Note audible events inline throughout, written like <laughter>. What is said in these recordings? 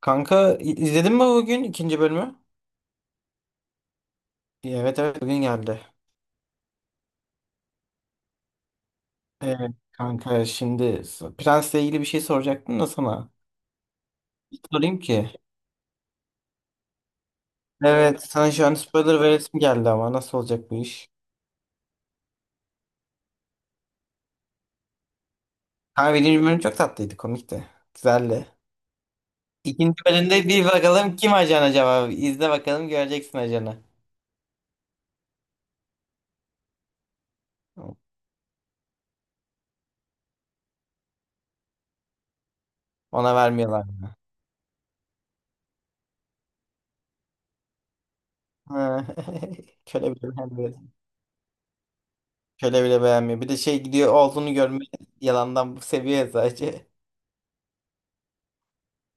Kanka izledin mi bugün ikinci bölümü? Evet, evet, bugün geldi. Evet kanka, şimdi Prens'le ilgili bir şey soracaktım da sana. Hiç sorayım ki. Evet, sana şu an spoiler veresim geldi ama nasıl olacak bu iş? Kanka birinci bölüm çok tatlıydı, komikti. Güzeldi. İkinci bölümde bir bakalım kim ajan acaba? İzle bakalım, göreceksin ajanı. Ona vermiyorlar. Ha. <laughs> Köle bile beğenmiyor. Köle bile beğenmiyor. Bir de şey gidiyor olduğunu görmeyi yalandan seviyor sadece.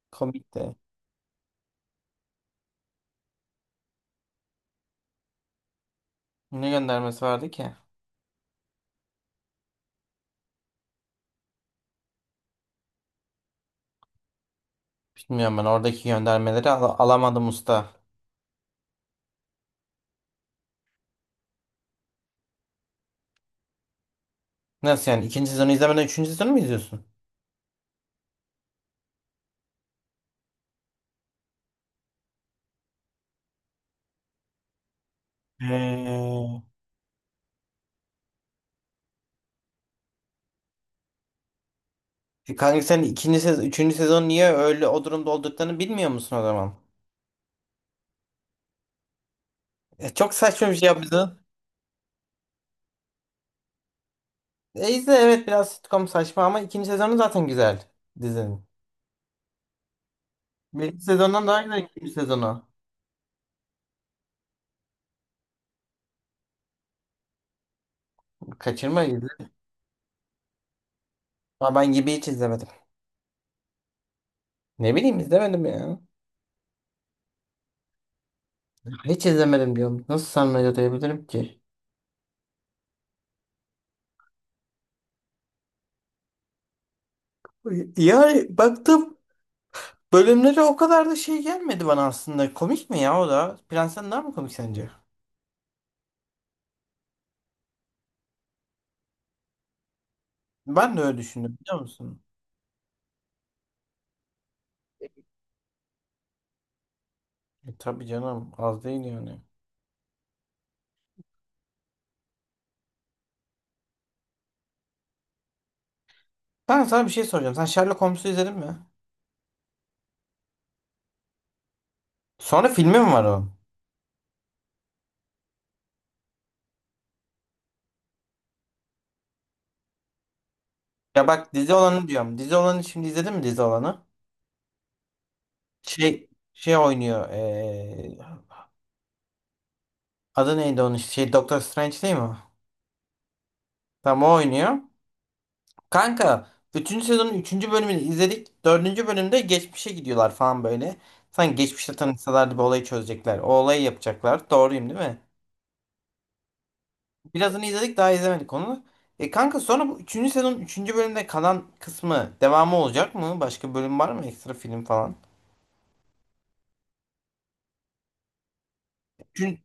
Komik de. Ne göndermesi vardı ki? Bilmiyorum, ben oradaki göndermeleri alamadım usta. Nasıl yani, ikinci sezonu izlemeden üçüncü sezonu mu izliyorsun? Ee, E kanka sen ikinci sezon, üçüncü sezon niye öyle o durumda olduklarını bilmiyor musun o zaman? E çok saçma bir şey yaptı. E izle, evet biraz sitcom saçma ama ikinci sezonu zaten güzel dizinin. Birinci sezondan daha güzel ikinci sezonu. Kaçırma, izle. Ama ben gibi hiç izlemedim. Ne bileyim, izlemedim ya. Hiç izlemedim diyorum. Nasıl sana öyle diyebilirim ki? Yani baktım, bölümleri o kadar da şey gelmedi bana aslında. Komik mi ya o da? Prensen daha mı komik sence? Ben de öyle düşündüm, biliyor musun? E, tabii canım, az değil yani. Ben sana bir şey soracağım. Sen Sherlock Holmes'u izledin mi? Sonra filmi mi var o? Ya bak, dizi olanı diyorum. Dizi olanı, şimdi izledin mi dizi olanı? Şey şey oynuyor. Adı neydi onun? Şey, Doctor Strange değil mi? Tam o oynuyor. Kanka bütün sezonun üçüncü bölümünü izledik. Dördüncü bölümde geçmişe gidiyorlar falan böyle. Sanki geçmişte tanışsalardı bir olayı çözecekler. O olayı yapacaklar. Doğruyum değil mi? Birazını izledik, daha izlemedik onu. E kanka, sonra bu üçüncü sezonun üçüncü bölümde kalan kısmı, devamı olacak mı? Başka bölüm var mı? Ekstra film falan. Çünkü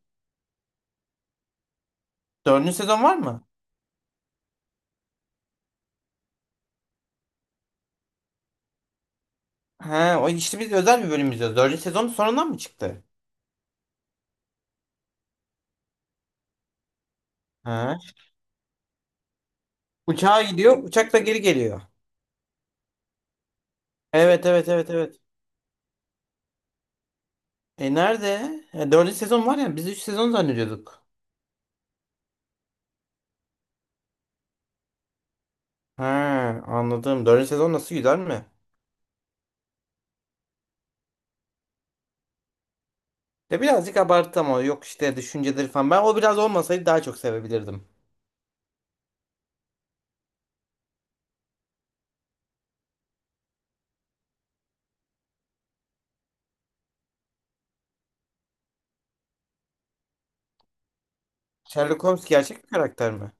dördüncü sezon var mı? He, o işte biz özel bir bölüm izliyoruz. Dördüncü sezon sonundan mı çıktı? He. Uçağa gidiyor, uçakla geri geliyor. Evet, evet, evet, evet. E nerede? E, dördüncü sezon var ya, biz üç sezon zannediyorduk. He, anladım. Dördüncü sezon nasıl, güzel mi? Ya birazcık abarttı ama, yok işte düşünceleri falan. Ben o biraz olmasaydı daha çok sevebilirdim. Sherlock Holmes gerçek bir karakter mi?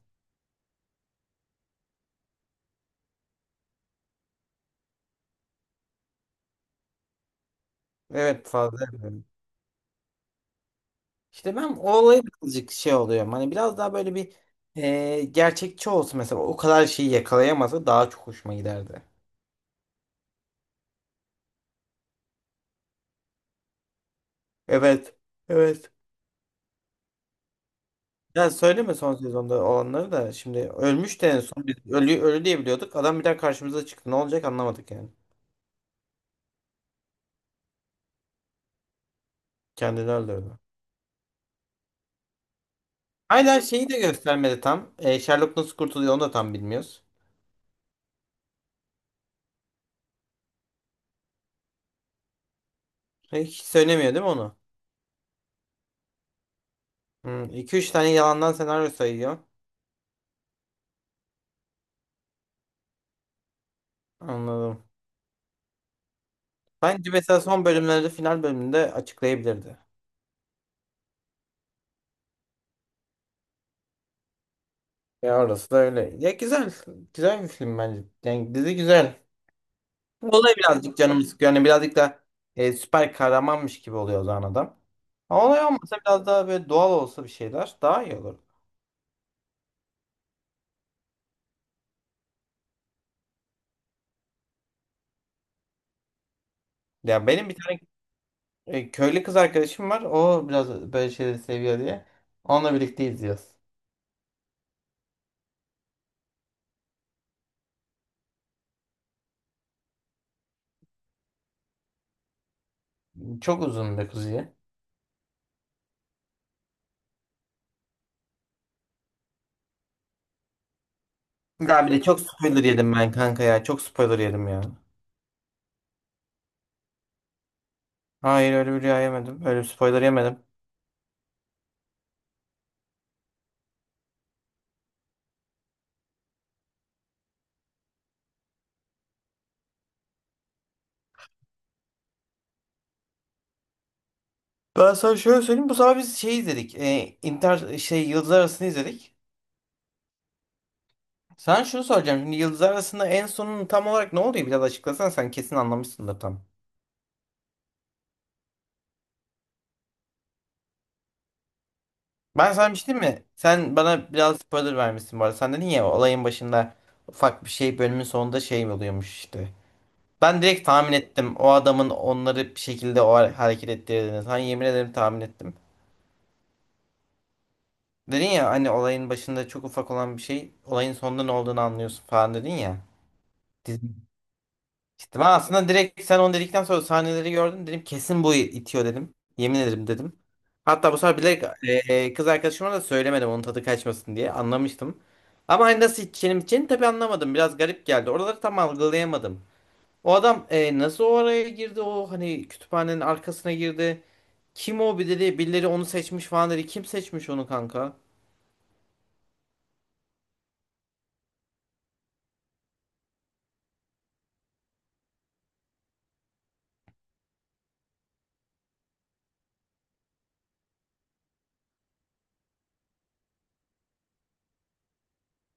Evet, fazla yapıyorum. İşte ben o olaya birazcık şey oluyorum. Hani biraz daha böyle bir, e, gerçekçi olsun mesela. O kadar şeyi yakalayamasa daha çok hoşuma giderdi. Evet. Evet. Ya söyleme son sezonda olanları da, şimdi ölmüş de en son biz ölü, ölü diye biliyorduk. Adam bir daha karşımıza çıktı. Ne olacak, anlamadık yani. Kendini öldürdü. Hala şeyi de göstermedi tam. E, Sherlock nasıl kurtuluyor onu da tam bilmiyoruz. E, hiç söylemiyor değil mi onu? Hmm, 2-3 tane yalandan senaryo sayıyor. Anladım. Bence mesela son bölümlerde, final bölümünde açıklayabilirdi. Ya orası da öyle. Ya güzel. Güzel bir film bence. Yani dizi güzel. Olay birazcık canımı sıkıyor. Yani birazcık da, e, süper kahramanmış gibi oluyor o zaman adam. Ama olay olmasa biraz daha böyle doğal olsa, bir şeyler daha iyi olur. Ya benim bir tane, e, köylü kız arkadaşım var. O biraz böyle şeyleri seviyor diye. Onunla birlikte izliyoruz. Çok uzun bir kuzuyu. Ya bir de çok spoiler yedim ben kanka ya. Çok spoiler yedim ya. Hayır, öyle bir rüya yemedim. Öyle bir spoiler yemedim. Ben sana şöyle söyleyeyim. Bu sefer biz şey izledik. E, inter şey, Yıldızlar Arası'nı izledik. Sen şunu soracağım. Şimdi yıldızlar arasında en sonun tam olarak ne oluyor? Biraz açıklasan, sen kesin anlamışsındır tam. Ben sana bir şey diyeyim mi? Sen bana biraz spoiler vermişsin bu arada. Sen dedin ya, olayın başında ufak bir şey, bölümün sonunda şey oluyormuş işte. Ben direkt tahmin ettim. O adamın onları bir şekilde o hareket ettirdiğini. Sana yemin ederim, tahmin ettim. Dedin ya hani, olayın başında çok ufak olan bir şey olayın sonunda ne olduğunu anlıyorsun falan dedin ya. İşte ben aslında direkt, sen onu dedikten sonra sahneleri gördüm. Dedim kesin bu itiyor dedim. Yemin ederim dedim. Hatta bu sefer bilerek, e, kız arkadaşıma da söylemedim onun tadı kaçmasın diye. Anlamıştım. Ama hani nasıl içeceğini tabii anlamadım. Biraz garip geldi. Oraları tam algılayamadım. O adam, e, nasıl oraya girdi? O hani kütüphanenin arkasına girdi. Kim o bir dedi. Birileri onu seçmiş falan dedi. Kim seçmiş onu kanka?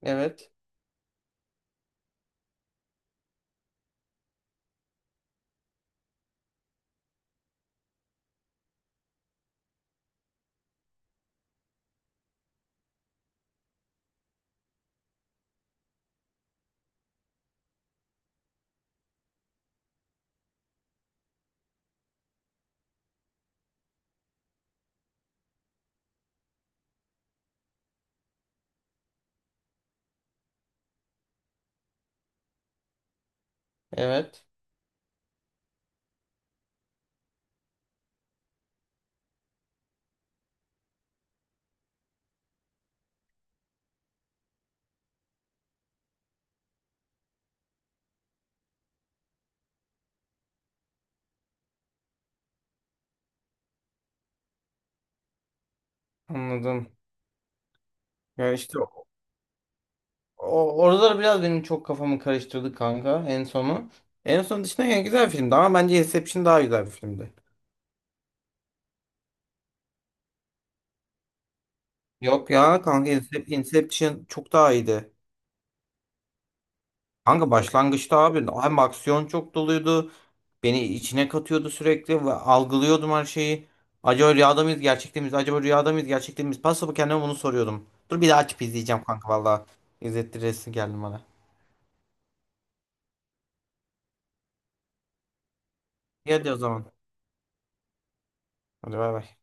Evet. Evet. Anladım. Ya işte o, oraları biraz benim çok kafamı karıştırdı kanka en sonu. En son dışında yani güzel filmdi ama bence Inception daha güzel bir filmdi. Yok ya kanka, Inception çok daha iyiydi. Kanka başlangıçta abi hem aksiyon çok doluydu. Beni içine katıyordu sürekli ve algılıyordum her şeyi. Acaba rüyada mıyız gerçekte miyiz? Acaba rüyada mıyız gerçekte miyiz? Pasapı kendime bunu soruyordum. Dur bir daha açıp izleyeceğim kanka valla. İzlettiresin geldim bana. İyi hadi o zaman. Hadi bay bay.